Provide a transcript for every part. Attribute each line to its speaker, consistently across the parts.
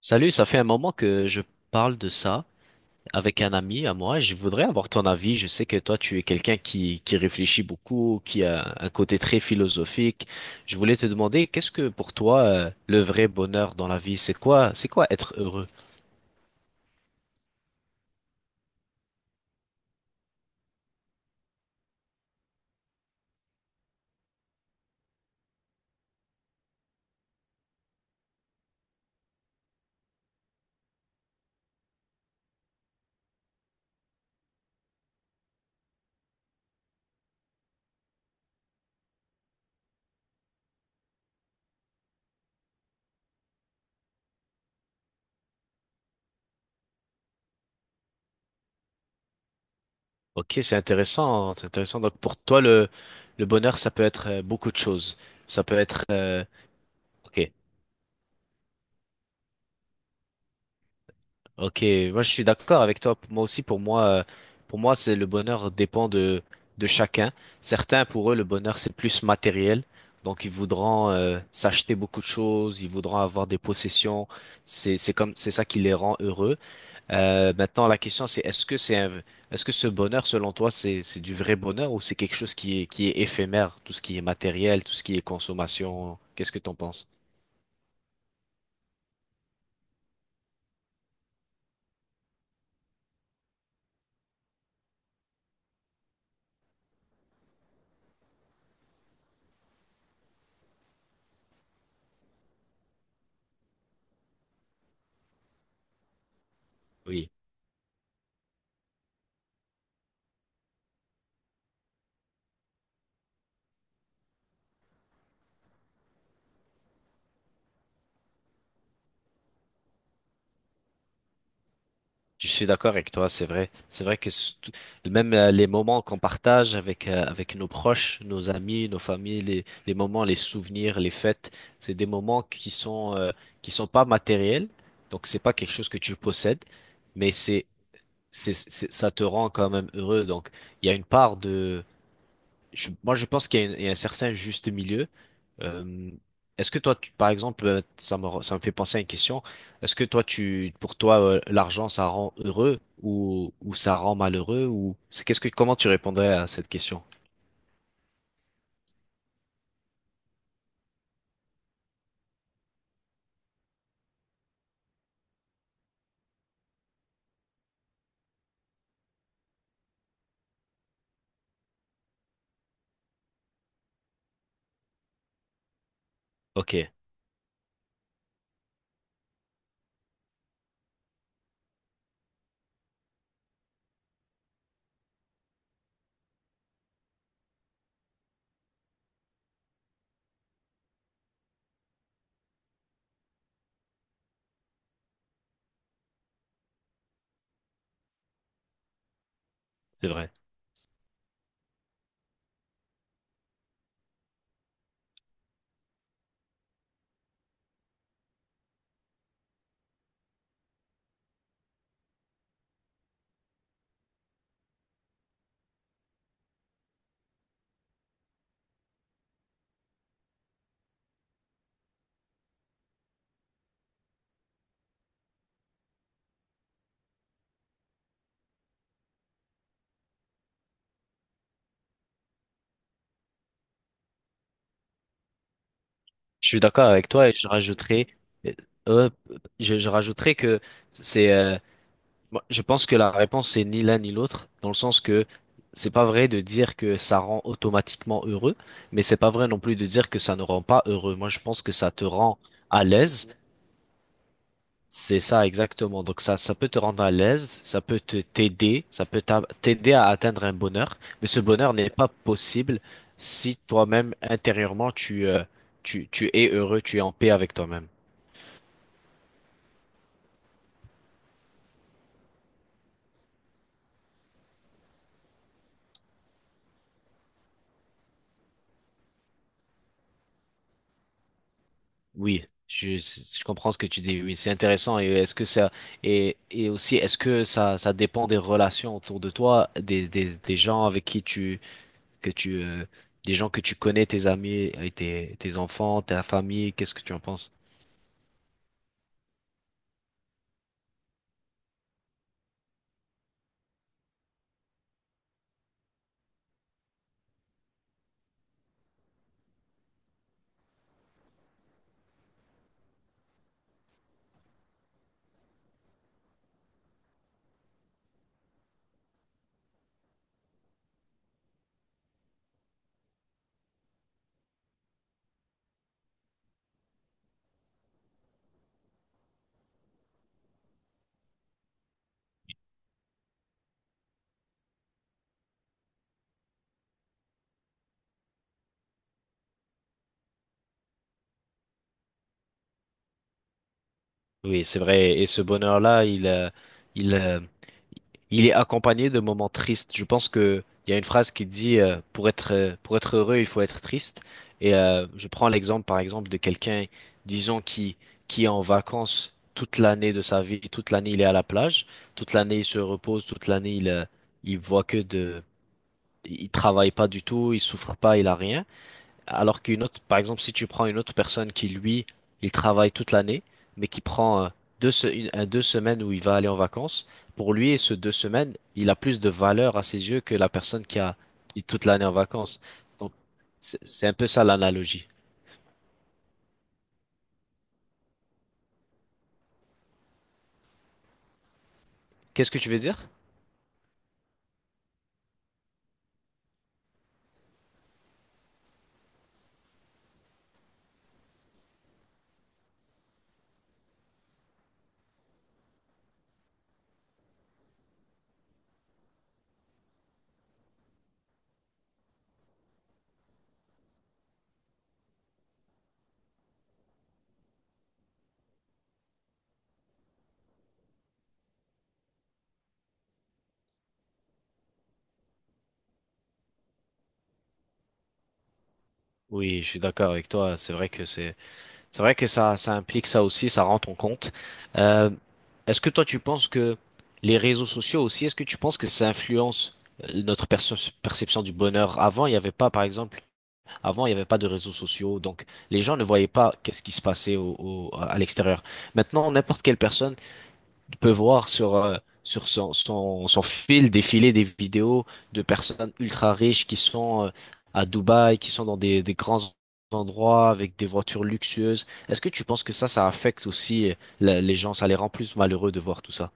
Speaker 1: Salut, ça fait un moment que je parle de ça avec un ami à moi. Je voudrais avoir ton avis. Je sais que toi, tu es quelqu'un qui réfléchit beaucoup, qui a un côté très philosophique. Je voulais te demander, qu'est-ce que pour toi, le vrai bonheur dans la vie, c'est quoi être heureux? Ok, c'est intéressant, c'est intéressant. Donc pour toi, le bonheur, ça peut être beaucoup de choses. Ça peut être, ok. Ok, moi je suis d'accord avec toi. Moi aussi, pour moi, c'est le bonheur dépend de chacun. Certains, pour eux, le bonheur c'est plus matériel, donc ils voudront s'acheter beaucoup de choses, ils voudront avoir des possessions. C'est ça qui les rend heureux. Maintenant, la question c'est est-ce que est-ce que ce bonheur, selon toi, c'est du vrai bonheur ou c'est quelque chose qui est éphémère, tout ce qui est matériel, tout ce qui est consommation. Qu'est-ce que t'en penses? Oui. Je suis d'accord avec toi, c'est vrai. C'est vrai que même les moments qu'on partage avec, avec nos proches, nos amis, nos familles, les moments, les souvenirs, les fêtes, c'est des moments qui sont, qui sont pas matériels. Donc, c'est pas quelque chose que tu possèdes, mais ça te rend quand même heureux. Donc, il y a moi, je pense qu'il y a, il y a un certain juste milieu. Euh, Est-ce que toi, par exemple, ça me fait penser à une question. Est-ce que toi, pour toi, l'argent, ça rend heureux ou ça rend malheureux ou c'est qu'est-ce que, comment tu répondrais à cette question? Ok, c'est vrai. Je suis d'accord avec toi et je rajouterai, euh, euh, je rajouterai que c'est, euh, moi, je pense que la réponse c'est ni l'un ni l'autre, dans le sens que c'est pas vrai de dire que ça rend automatiquement heureux, mais c'est pas vrai non plus de dire que ça ne rend pas heureux. Moi, je pense que ça te rend à l'aise, c'est ça exactement. Donc ça peut te rendre à l'aise, ça peut te t'aider, ça peut t'aider à atteindre un bonheur, mais ce bonheur n'est pas possible si toi-même intérieurement tu es heureux, tu es en paix avec toi-même. Oui, je comprends ce que tu dis. Oui, c'est intéressant. Et est-ce que ça et aussi est-ce que ça dépend des relations autour de toi, des gens avec qui tu que tu des gens que tu connais, tes amis, et tes enfants, ta famille. Qu'est-ce que tu en penses? Oui, c'est vrai. Et ce bonheur-là, il euh, il est accompagné de moments tristes. Je pense que il y a une phrase qui dit pour être, pour être heureux, il faut être triste. Et je prends l'exemple par exemple de quelqu'un, disons qui est en vacances toute l'année de sa vie, toute l'année il est à la plage, toute l'année il se repose, toute l'année il voit que de il travaille pas du tout, il souffre pas, il a rien. Alors qu'une autre, par exemple, si tu prends une autre personne qui, lui, il travaille toute l'année, mais qui prend deux semaines où il va aller en vacances, pour lui, ce deux semaines, il a plus de valeur à ses yeux que la personne qui a qui est toute l'année en vacances. Donc, c'est un peu ça l'analogie. Qu'est-ce que tu veux dire? Oui, je suis d'accord avec toi. C'est vrai que ça implique ça aussi, ça rend ton compte. Euh, Est-ce que toi, tu penses que les réseaux sociaux aussi, est-ce que tu penses que ça influence notre perception du bonheur? Avant, il n'y avait pas, par exemple, avant, il n'y avait pas de réseaux sociaux, donc les gens ne voyaient pas qu'est-ce qui se passait à l'extérieur. Maintenant, n'importe quelle personne on peut voir sur, sur son fil défiler des vidéos de personnes ultra riches qui sont à Dubaï, qui sont dans des grands endroits avec des voitures luxueuses. Est-ce que tu penses que ça affecte aussi les gens, ça les rend plus malheureux de voir tout ça?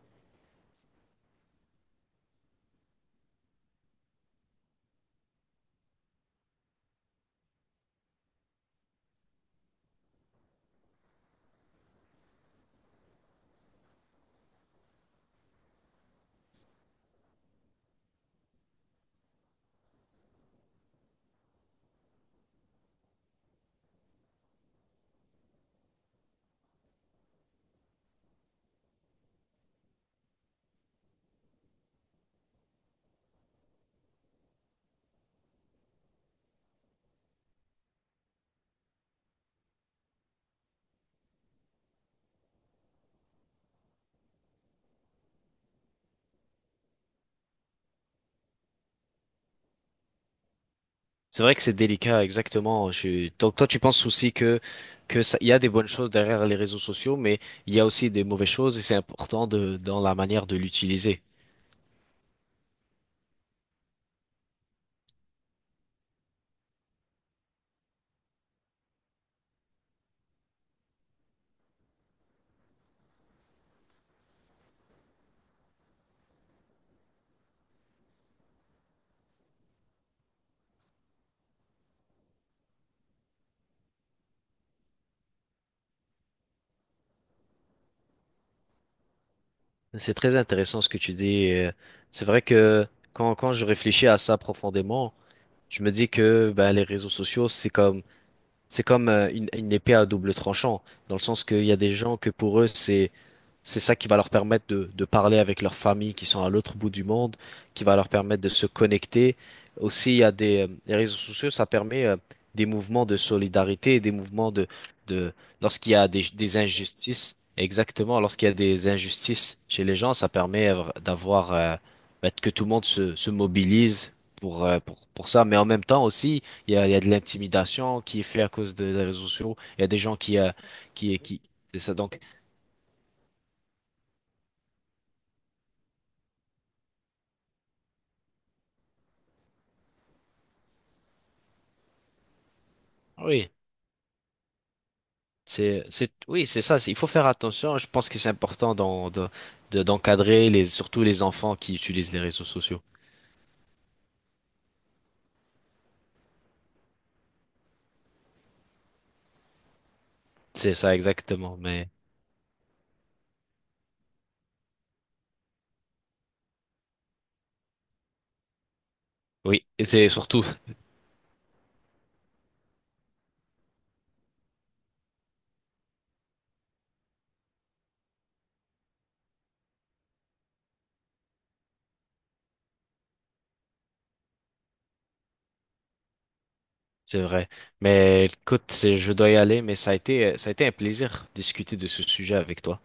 Speaker 1: C'est vrai que c'est délicat, exactement. Donc toi, tu penses aussi que ça, il y a des bonnes choses derrière les réseaux sociaux, mais il y a aussi des mauvaises choses et c'est important de, dans la manière de l'utiliser. C'est très intéressant ce que tu dis. Et c'est vrai que quand, quand je réfléchis à ça profondément, je me dis que ben, les réseaux sociaux, c'est comme une épée à double tranchant, dans le sens qu'il y a des gens que pour eux, c'est ça qui va leur permettre de parler avec leurs familles qui sont à l'autre bout du monde, qui va leur permettre de se connecter. Aussi, il y a les réseaux sociaux, ça permet des mouvements de solidarité, des mouvements de lorsqu'il y a des injustices, exactement, lorsqu'il y a des injustices chez les gens, ça permet d'avoir bah, que tout le monde se mobilise pour ça. Mais en même temps aussi, il y a de l'intimidation qui est faite à cause de- des réseaux sociaux. Il y a des gens qui, qui, qui, c'est ça donc. Oui. Oui, c'est ça. C'est- Il faut faire attention. Je pense que c'est important d'encadrer surtout les enfants qui utilisent les réseaux sociaux. C'est ça, exactement. Mais oui, et c'est surtout, c'est vrai. Mais écoute, c'est- je dois y aller, mais ça a été un plaisir de discuter de ce sujet avec toi.